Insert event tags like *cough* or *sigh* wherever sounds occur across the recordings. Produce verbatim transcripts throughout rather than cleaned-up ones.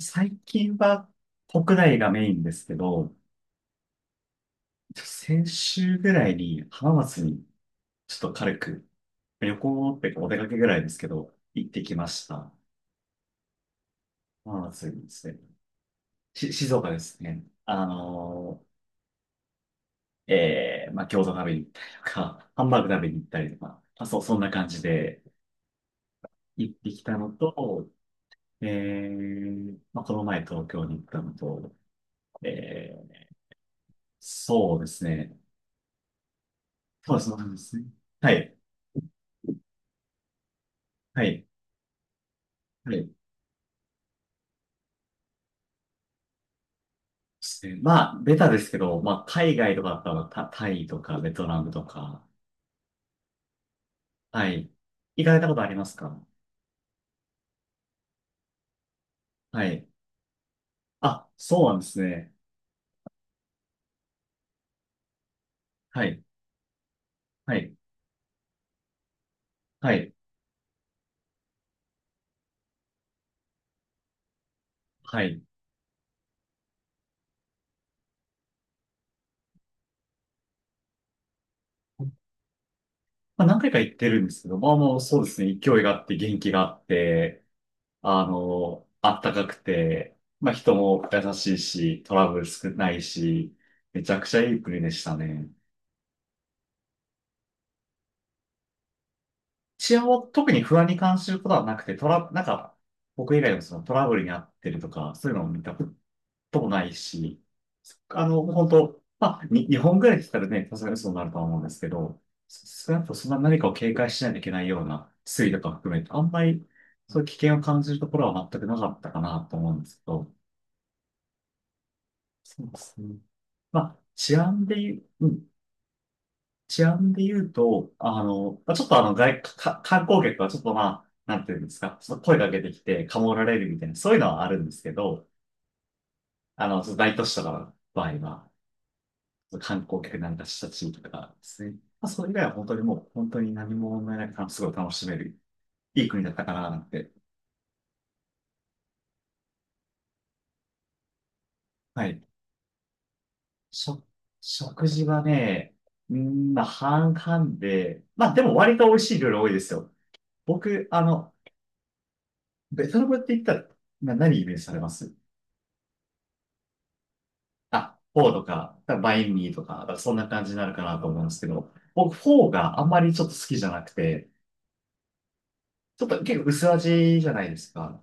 最近は国内がメインですけど、先週ぐらいに浜松にちょっと軽く旅行っていうかお出かけぐらいですけど、行ってきました。浜松にですね。し、静岡ですね。あのー、えー、まあ、餃子食べに行ったりとか、ハンバーグ食べに行ったりとか、まあ、そう、そんな感じで行ってきたのと、えー、まあ、この前東京に行ったのと、えー、そうですね。そうです、そうですね。はい、はい、はい。ですねまあ、ベタですけど、まあ、海外とかだったら、タ、タイとか、ベトナムとか、はい。行かれたことありますか？はい。あ、そうなんですね。はい。はい。はい。はい。まあ、何回か行ってるんですけど、まあもうそうですね、勢いがあって、元気があって、あの、あったかくて、まあ人も優しいし、トラブル少ないし、めちゃくちゃいい国でしたね。一応、特に不安に感じることはなくて、トラ、なんか、僕以外のそのトラブルに遭ってるとか、そういうのを見たこともないし、あの、本当、まあ、に、日本ぐらい来たらね、さすがにそうなるとは思うんですけど、少なくともそんな何かを警戒しないといけないような推移とか含めて、あんまりそういう危険を感じるところは全くなかったかなと思うんですけど、そうですね。まあ、治安で言う、うん治安で言うと、あの、まあちょっとあの外、か、観光客はちょっとまあ、なんていうんですか、ちょっと声かけてきて、かもられるみたいな、そういうのはあるんですけど、あの、その大都市とかの場合は、観光客なんかした地域とかですね。まあ、それ以外は本当にもう、本当に何も問題なく、すごい楽しめる、いい国だったかな、なんて。はい。しょ、食事はね、うーん、まあ、半々で、まあ、でも割と美味しい料理多いですよ。僕、あの、ベトナムって言ったら、な、何イメージされますあ、フォーとか、バインミーとか、だからそんな感じになるかなと思うんですけど、僕フォーがあんまりちょっと好きじゃなくて、ちょっと結構薄味じゃないですか。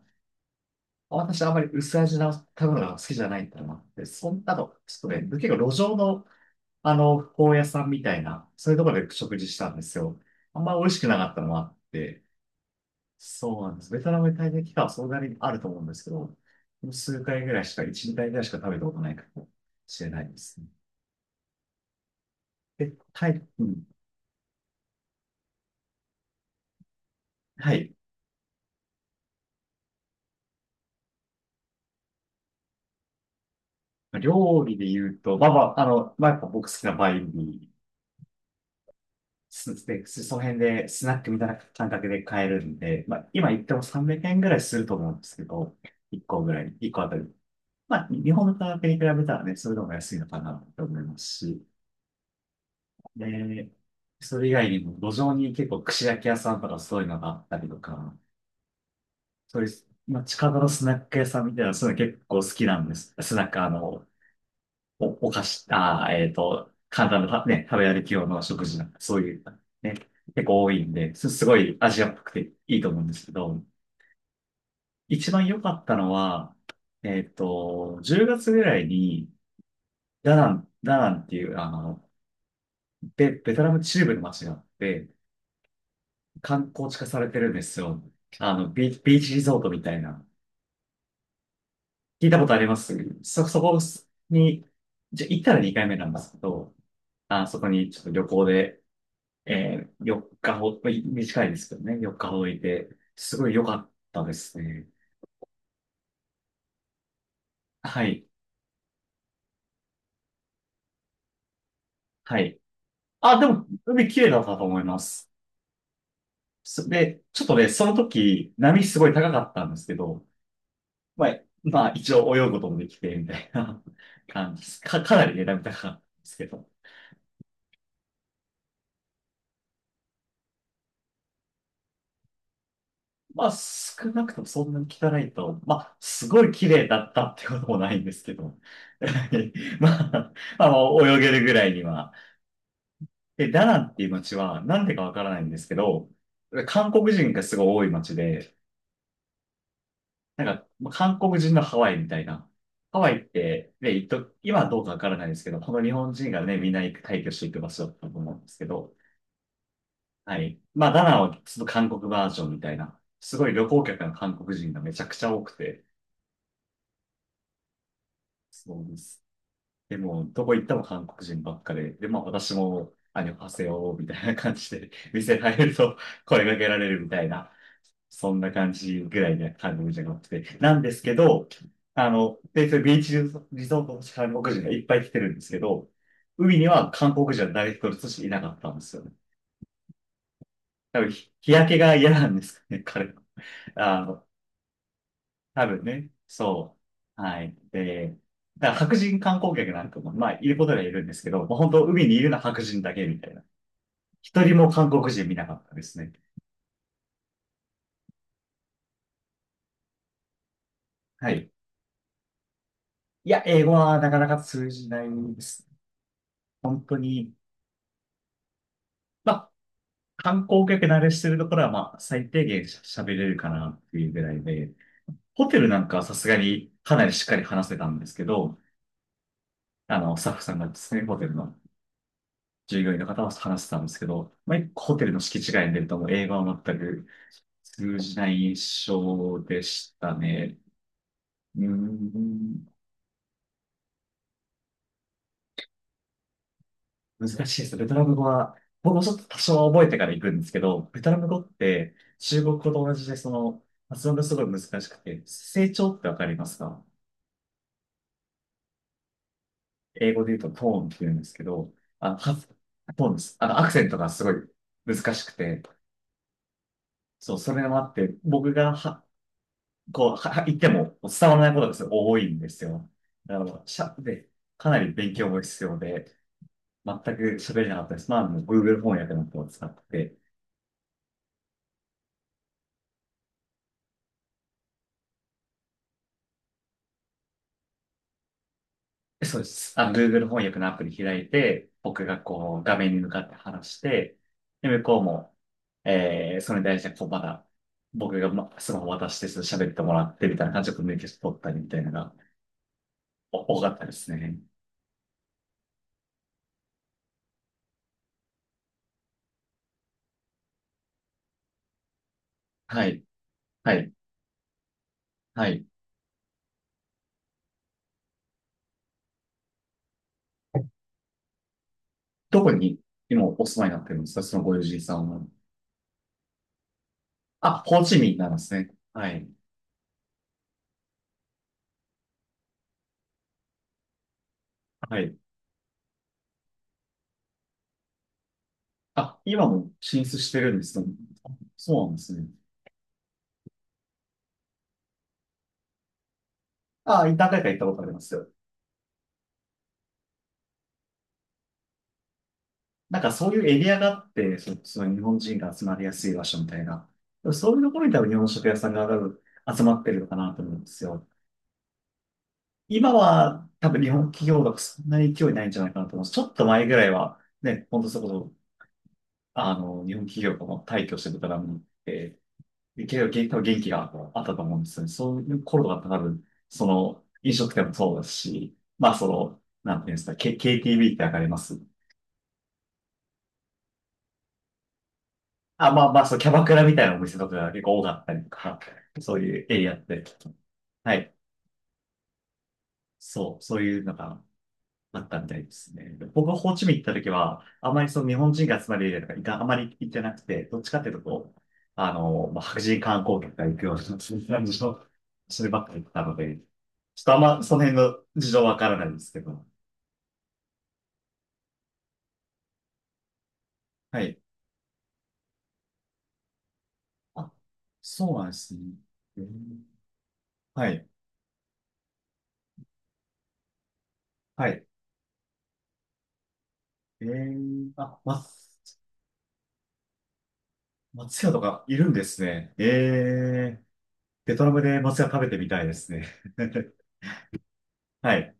私あんまり薄味な食べ物が好きじゃないってのもあって、そんなの、ちょっとね、結構路上の、あの、フォー屋さんみたいな、そういうところで食事したんですよ。あんま美味しくなかったのもあって、そうなんです。ベトナムに滞在期間はそんなにあると思うんですけど、数回ぐらいしか、いち、にかいぐらいしか食べたことないかもしれないですね。で、タイ、うん、はい。料理で言うと、まあまあ、あの、まあやっぱ僕好きなバインミー、すで、その辺でスナックみたいな感覚で買えるんで、まあ今言ってもさんびゃくえんぐらいすると思うんですけど、いっこぐらい、いっこあたり。まあ日本の価格に比べたらね、それでも安いのかなって思いますし、で、それ以外にも路上に結構串焼き屋さんとかそういうのがあったりとか、そういう、まあ近場のスナック屋さんみたいな、そういうの結構好きなんです。スナック、あの、お、お菓子、あー、えっと、簡単なね、食べ歩き用の食事なんか、そういう、ね、結構多いんで、す、すごいアジアっぽくていいと思うんですけど、一番良かったのは、えっと、じゅうがつぐらいに、ダナン、ダナンっていう、あの、ベ、ベトナム中部の街があって、観光地化されてるんですよ。あの、ビ、ビーチリゾートみたいな。聞いたことありますそ、そこに、じゃ、行ったらにかいめなんですけど、あ、そこにちょっと旅行で、えー、よっかほ、まあい短いですけどね、よっかほどいて、すごい良かったですね。はい、はい。あ、でも、海綺麗だったと思います。そで、ちょっとね、その時、波すごい高かったんですけど、まあ、まあ、一応泳ぐこともできて、みたいな *laughs* 感じです。か、かなりね、波高かったんですけど。まあ、少なくともそんなに汚いと、まあ、すごい綺麗だったってこともないんですけど、*laughs* まあ、まあ、泳げるぐらいには、で、ダナンっていう街は、なんでかわからないんですけど、韓国人がすごい多い街で、なんか、まあ韓国人のハワイみたいな。ハワイって、ね、一時今はどうかわからないですけど、この日本人がね、みんな行く退去していく場所だったと思うんですけど、はい。まあ、ダナンはちょっと韓国バージョンみたいな、すごい旅行客の韓国人がめちゃくちゃ多くて、そうです。でも、どこ行っても韓国人ばっかで、で、まあ私も、あの、ハセヨみたいな感じで、*laughs* 店入ると声かけられるみたいな、そんな感じぐらいな韓国人が多くて。なんですけど、あの、で、それビーチリゾートの韓国人がいっぱい来てるんですけど、海には韓国人は誰一人としていなかったんですよね。多分、日日焼けが嫌なんですかね、彼は。あの、多分ね。そう。はい。で、だから白人観光客なんかも、まあ、いることにはいるんですけど、もう本当、海にいるのは白人だけみたいな。一人も韓国人見なかったですね。はい。いや、英語はなかなか通じないです。本当に、まあ、観光客慣れしてるところは、まあ、最低限しゃ喋れるかなっていうぐらいで、ホテルなんかはさすがにかなりしっかり話せたんですけど、あの、スタッフさんがですね、ホテルの従業員の方は話してたんですけど、まあ、ホテルの敷地外に出るともう英語は全く通じない印象でしたね。うーん、難しいですね。ベトナム語は、僕もちょっと多少は覚えてから行くんですけど、ベトナム語って中国語と同じで、その、発音がすごい難しくて、成長ってわかりますか？英語で言うとトーンって言うんですけど、あの、発トーンです。あの、アクセントがすごい難しくて、そう、それもあって、僕がは、こう、は、言っても伝わらないことがすごい多いんですよ。だから、しゃ、で、かなり勉強も必要で、全く喋れなかったです。まあ、もう Google 翻訳のアプリを使って、そうです。あの、Google 翻訳のアプリ開いて、僕がこう、画面に向かって話して、で、向こうも、えー、それに対して、こう、まだ、僕が、ま、スマホ渡して、ちょっと喋ってもらって、みたいな感じでコミュニケーション取ったり、みたいなのが、お多かったですね。はい、はい、はい。どこに、今、お住まいになってるんですか？そのご友人さんは。あ、ホーチミンなんですね。はい、はい。あ、今も進出してるんですね。そうなんですね。ああ、何回か行ったことありますよ。なんかそういうエリアがあって、そ、その日本人が集まりやすい場所みたいな。そういうところに多分日本食屋さんが集まってるのかなと思うんですよ。今は多分日本企業がそんなに勢いないんじゃないかなと思います。ちょっと前ぐらいはね、ほんとそこそ、あの、日本企業がもう退去してベトナムに行って、結構元多分元気があったと思うんですよね。そういう頃とかって多分、その飲食店もそうですし、まあその、なんていうんですか、K、ケーティーブイ ってわかりますあ、まあまあ、そう、キャバクラみたいなお店とかが結構多かったりとか、そういうエリアって、はい。そう、そういうのがあったみたいですね。僕がホーチミン行った時は、あまりその日本人が集まるエリアとか行か、あまり行ってなくて、どっちかっていうとこう、あの、まあ、白人観光客が行くような、そういう感じの、そればっかり行ったので、ちょっとあんまその辺の事情わからないんですけど。はい。あ、そうなんですね。えーはい。はい。えー、あ、まあ松屋とかいるんですね。ええ、ベトナムで松屋食べてみたいですね。*laughs* はい。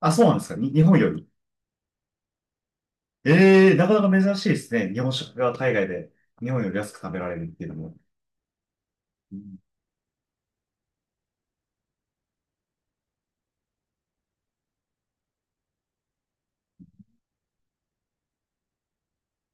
あ、そうなんですか。に、日本より。ええ、なかなか珍しいですね。日本食が海外で日本より安く食べられるっていうのも。